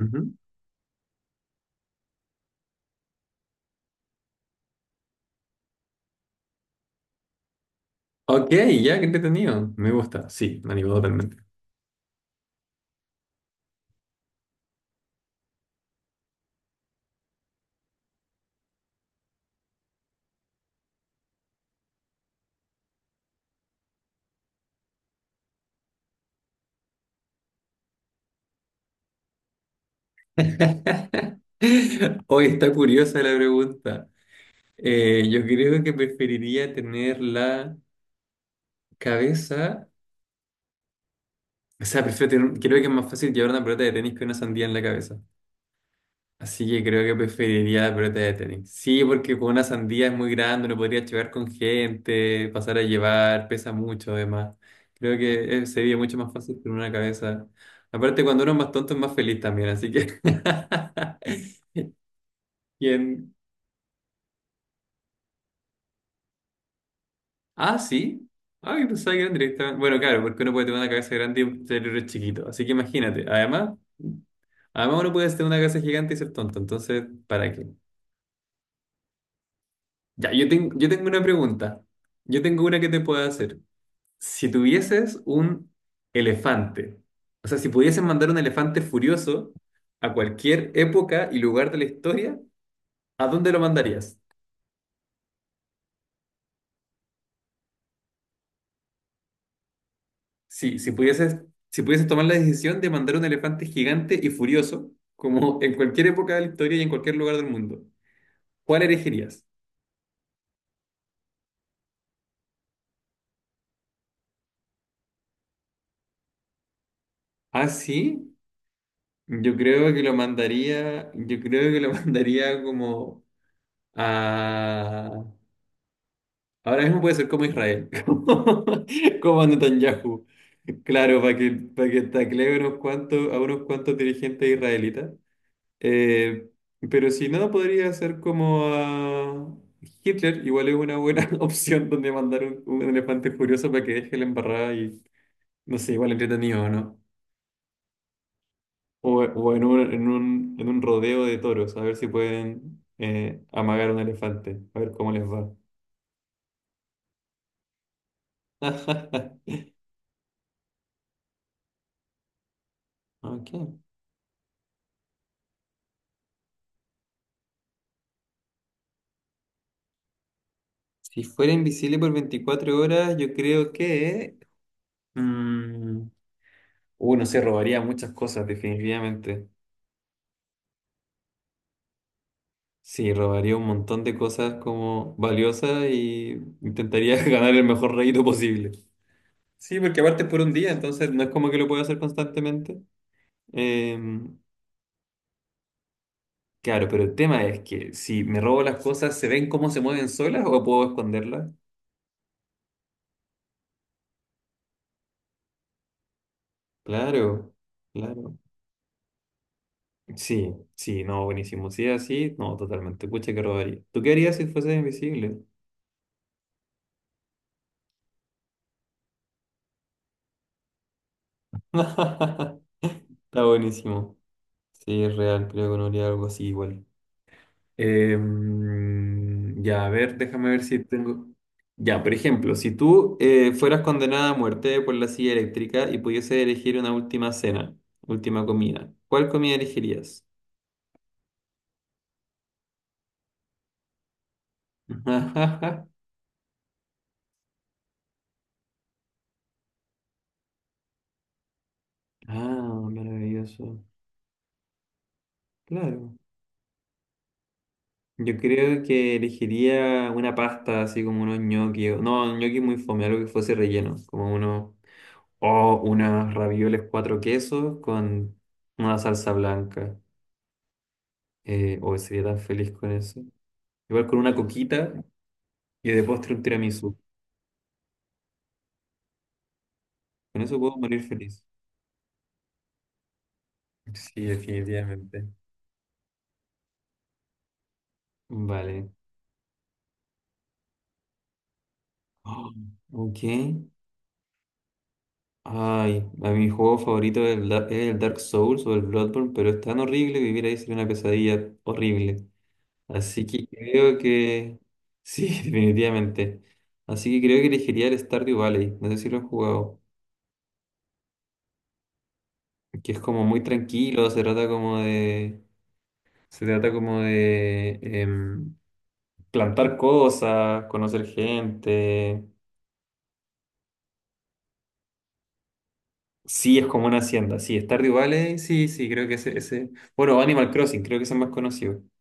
Ujú. Ok, ya, qué entretenido. Me gusta, sí, me animó totalmente. Hoy está curiosa la pregunta. Yo creo que preferiría tener la cabeza. O sea, prefiero tener- creo que es más fácil llevar una pelota de tenis que una sandía en la cabeza. Así que creo que preferiría la pelota de tenis. Sí, porque con una sandía es muy grande, no podría llevar con gente, pasar a llevar, pesa mucho además. Creo que sería mucho más fácil con una cabeza. Aparte, cuando uno es más tonto es más feliz también, así que... ¿Quién? Ah, sí. Ah, yo pensaba que eran directamente. Bueno, claro, porque uno puede tener una cabeza grande y un cerebro chiquito. Así que imagínate. Además, además uno puede tener una cabeza gigante y ser tonto. Entonces, ¿para qué? Ya, yo tengo una pregunta. Yo tengo una que te puedo hacer. Si tuvieses un elefante, o sea, si pudieses mandar un elefante furioso a cualquier época y lugar de la historia, ¿a dónde lo mandarías? Sí, si pudieses tomar la decisión de mandar un elefante gigante y furioso, como en cualquier época de la historia y en cualquier lugar del mundo, ¿cuál elegirías? Ah, sí, yo creo que lo mandaría como a ahora mismo puede ser como Israel, como Netanyahu. Claro, para que tacle unos cuantos, a unos cuantos dirigentes israelitas. Eh, pero si no, podría ser como a Hitler, igual es una buena opción donde mandar un elefante furioso para que deje la embarrada y, no sé, igual entretenido, ¿no? O, en un rodeo de toros, a ver si pueden amagar un elefante, a ver cómo les va. Ok. Si fuera invisible por 24 horas, yo creo que... mm, no sé, robaría muchas cosas, definitivamente. Sí, robaría un montón de cosas como valiosas y intentaría ganar el mejor rédito posible. Sí, porque aparte es por un día, entonces no es como que lo pueda hacer constantemente. Eh, claro, pero el tema es que si me robo las cosas, ¿se ven cómo se mueven solas o puedo esconderlas? Claro, claro. Sí, sí, no, buenísimo. Si es así, no, totalmente. Pucha, que robaría. ¿Tú qué harías si fueses invisible? Está buenísimo. Sí, es real, creo que no haría algo así igual. Ya, a ver, déjame ver si tengo. Ya, por ejemplo, si tú fueras condenada a muerte por la silla eléctrica y pudieses elegir una última cena, última comida, ¿cuál comida elegirías? Ah, maravilloso. Claro. Yo creo que elegiría una pasta así como unos ñoquis. O- No, ñoquis muy fome, algo que fuese relleno. Como uno. O unas ravioles cuatro quesos con una salsa blanca. O sería tan feliz con eso. Igual con una coquita y de postre un tiramisú. Con eso puedo morir feliz. Sí, definitivamente. Vale. Oh, ok. Ay, a mi juego favorito es Da- es el Dark Souls o el Bloodborne, pero es tan horrible vivir ahí sería una pesadilla horrible. Así que creo que sí, definitivamente. Así que creo que elegiría el Stardew Valley. No sé si lo han jugado. Que es como muy tranquilo, se trata como de. Se trata como de plantar cosas, conocer gente. Sí, es como una hacienda. Sí, Stardew Valley, sí, sí, creo que ese, ese. Bueno, Animal Crossing, creo que es el más conocido.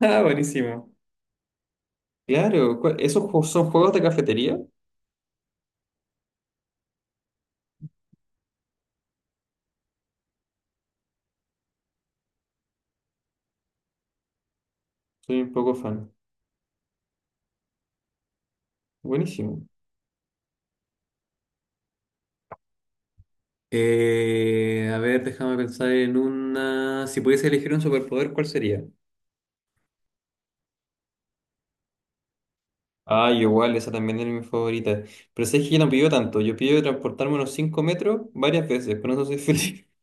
Ah, buenísimo. Claro, ¿cuál- ¿esos ju- son juegos de cafetería? Soy un poco fan. Buenísimo. A ver, déjame pensar en una. Si pudiese elegir un superpoder, ¿cuál sería? Ah, yo igual, esa también era mi favorita. Pero sé que yo no pido tanto. Yo pido transportarme unos 5 metros varias veces, con eso soy feliz.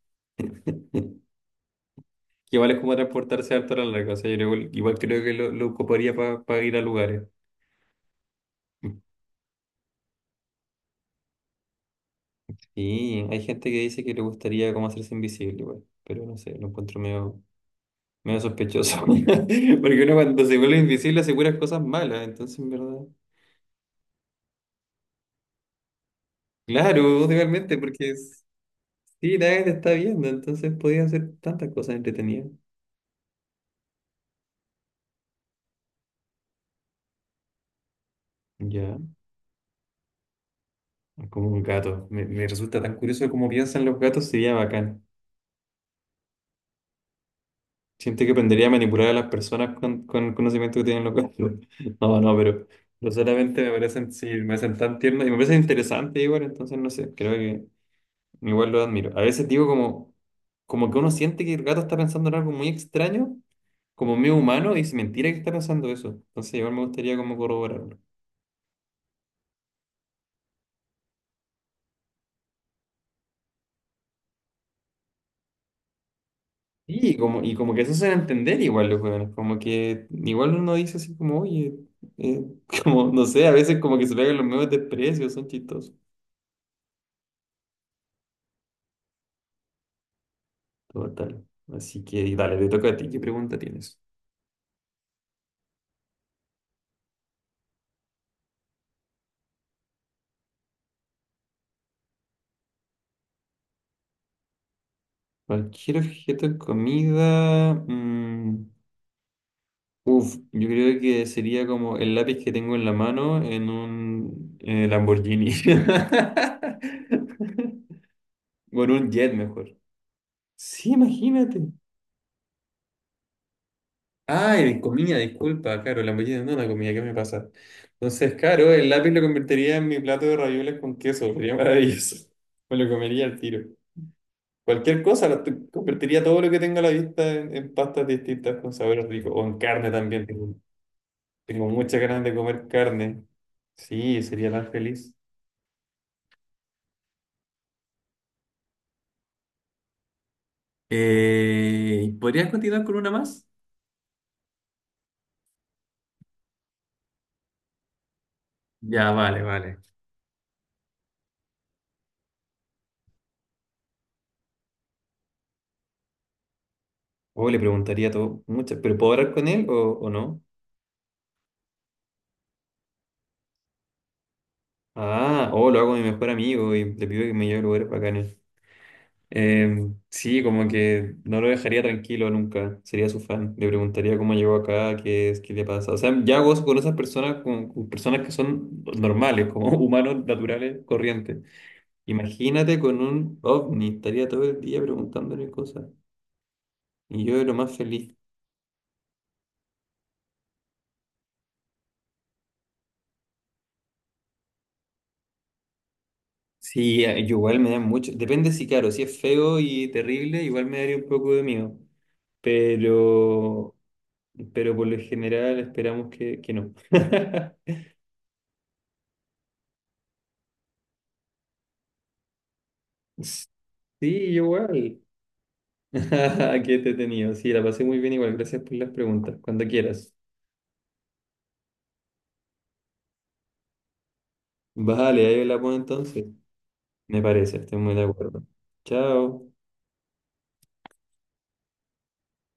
Que igual es como transportarse harto a la larga. O sea, yo igual, igual creo que lo ocuparía para ir a lugares. Sí, hay gente que dice que le gustaría como hacerse invisible igual, pero no sé, lo encuentro medio, medio sospechoso. Porque uno cuando se vuelve invisible asegura cosas malas, entonces en verdad. Claro, totalmente, porque es- sí, nadie te está viendo, entonces podía hacer tantas cosas entretenidas. Ya, como un gato. Me resulta tan curioso cómo piensan los gatos, sería bacán. Siento que aprendería a manipular a las personas con el conocimiento que tienen los gatos. No, no, pero no solamente me parecen, sí, me parecen tan tiernos y me parecen interesantes igual, entonces no sé, creo que igual lo admiro. A veces digo como, como que uno siente que el gato está pensando en algo muy extraño, como medio humano, y es mentira que está pensando eso. Entonces igual me gustaría como corroborarlo. Sí, y como que se hacen entender igual los hueones, como que igual uno dice así como, oye, eh, como, no sé, a veces como que se pegan los mismos desprecios, son chistosos. Total. Así que y dale, te toca a ti, ¿qué pregunta tienes? Cualquier objeto de comida, uf, yo creo que sería como el lápiz que tengo en la mano en un Lamborghini. O en un jet mejor. Sí, imagínate. Ah, de comida, disculpa, claro, la mollida no es una comida, ¿qué me pasa? Entonces, claro, el lápiz lo convertiría en mi plato de ravioles con queso, sería maravilloso. Me lo comería al tiro. Cualquier cosa, lo t- convertiría todo lo que tengo a la vista en pastas distintas con sabores ricos, o en carne también. Tengo, tengo muchas ganas de comer carne. Sí, sería tan feliz. ¿Podrías continuar con una más? Ya, vale, vale. O le preguntaría todo, muchas, ¿pero puedo hablar con él o no? Ah, o lo hago con mi mejor amigo y le pido que me lleve a lugares bacanes. Sí, como que no lo dejaría tranquilo nunca, sería su fan. Le preguntaría cómo llegó acá, qué es, qué le pasa. O sea, ya gozo con esas personas, con personas que son normales, como humanos naturales, corrientes. Imagínate con un ovni, estaría todo el día preguntándole cosas. Y yo lo más feliz. Sí, yo igual me da mucho. Depende si, claro, si es feo y terrible, igual me daría un poco de miedo. Pero pero por lo general esperamos que no. Sí, igual. Qué entretenido. Sí, la pasé muy bien igual. Gracias por las preguntas. Cuando quieras. Vale, ahí la pongo entonces. Me parece, estoy muy de acuerdo. Chao.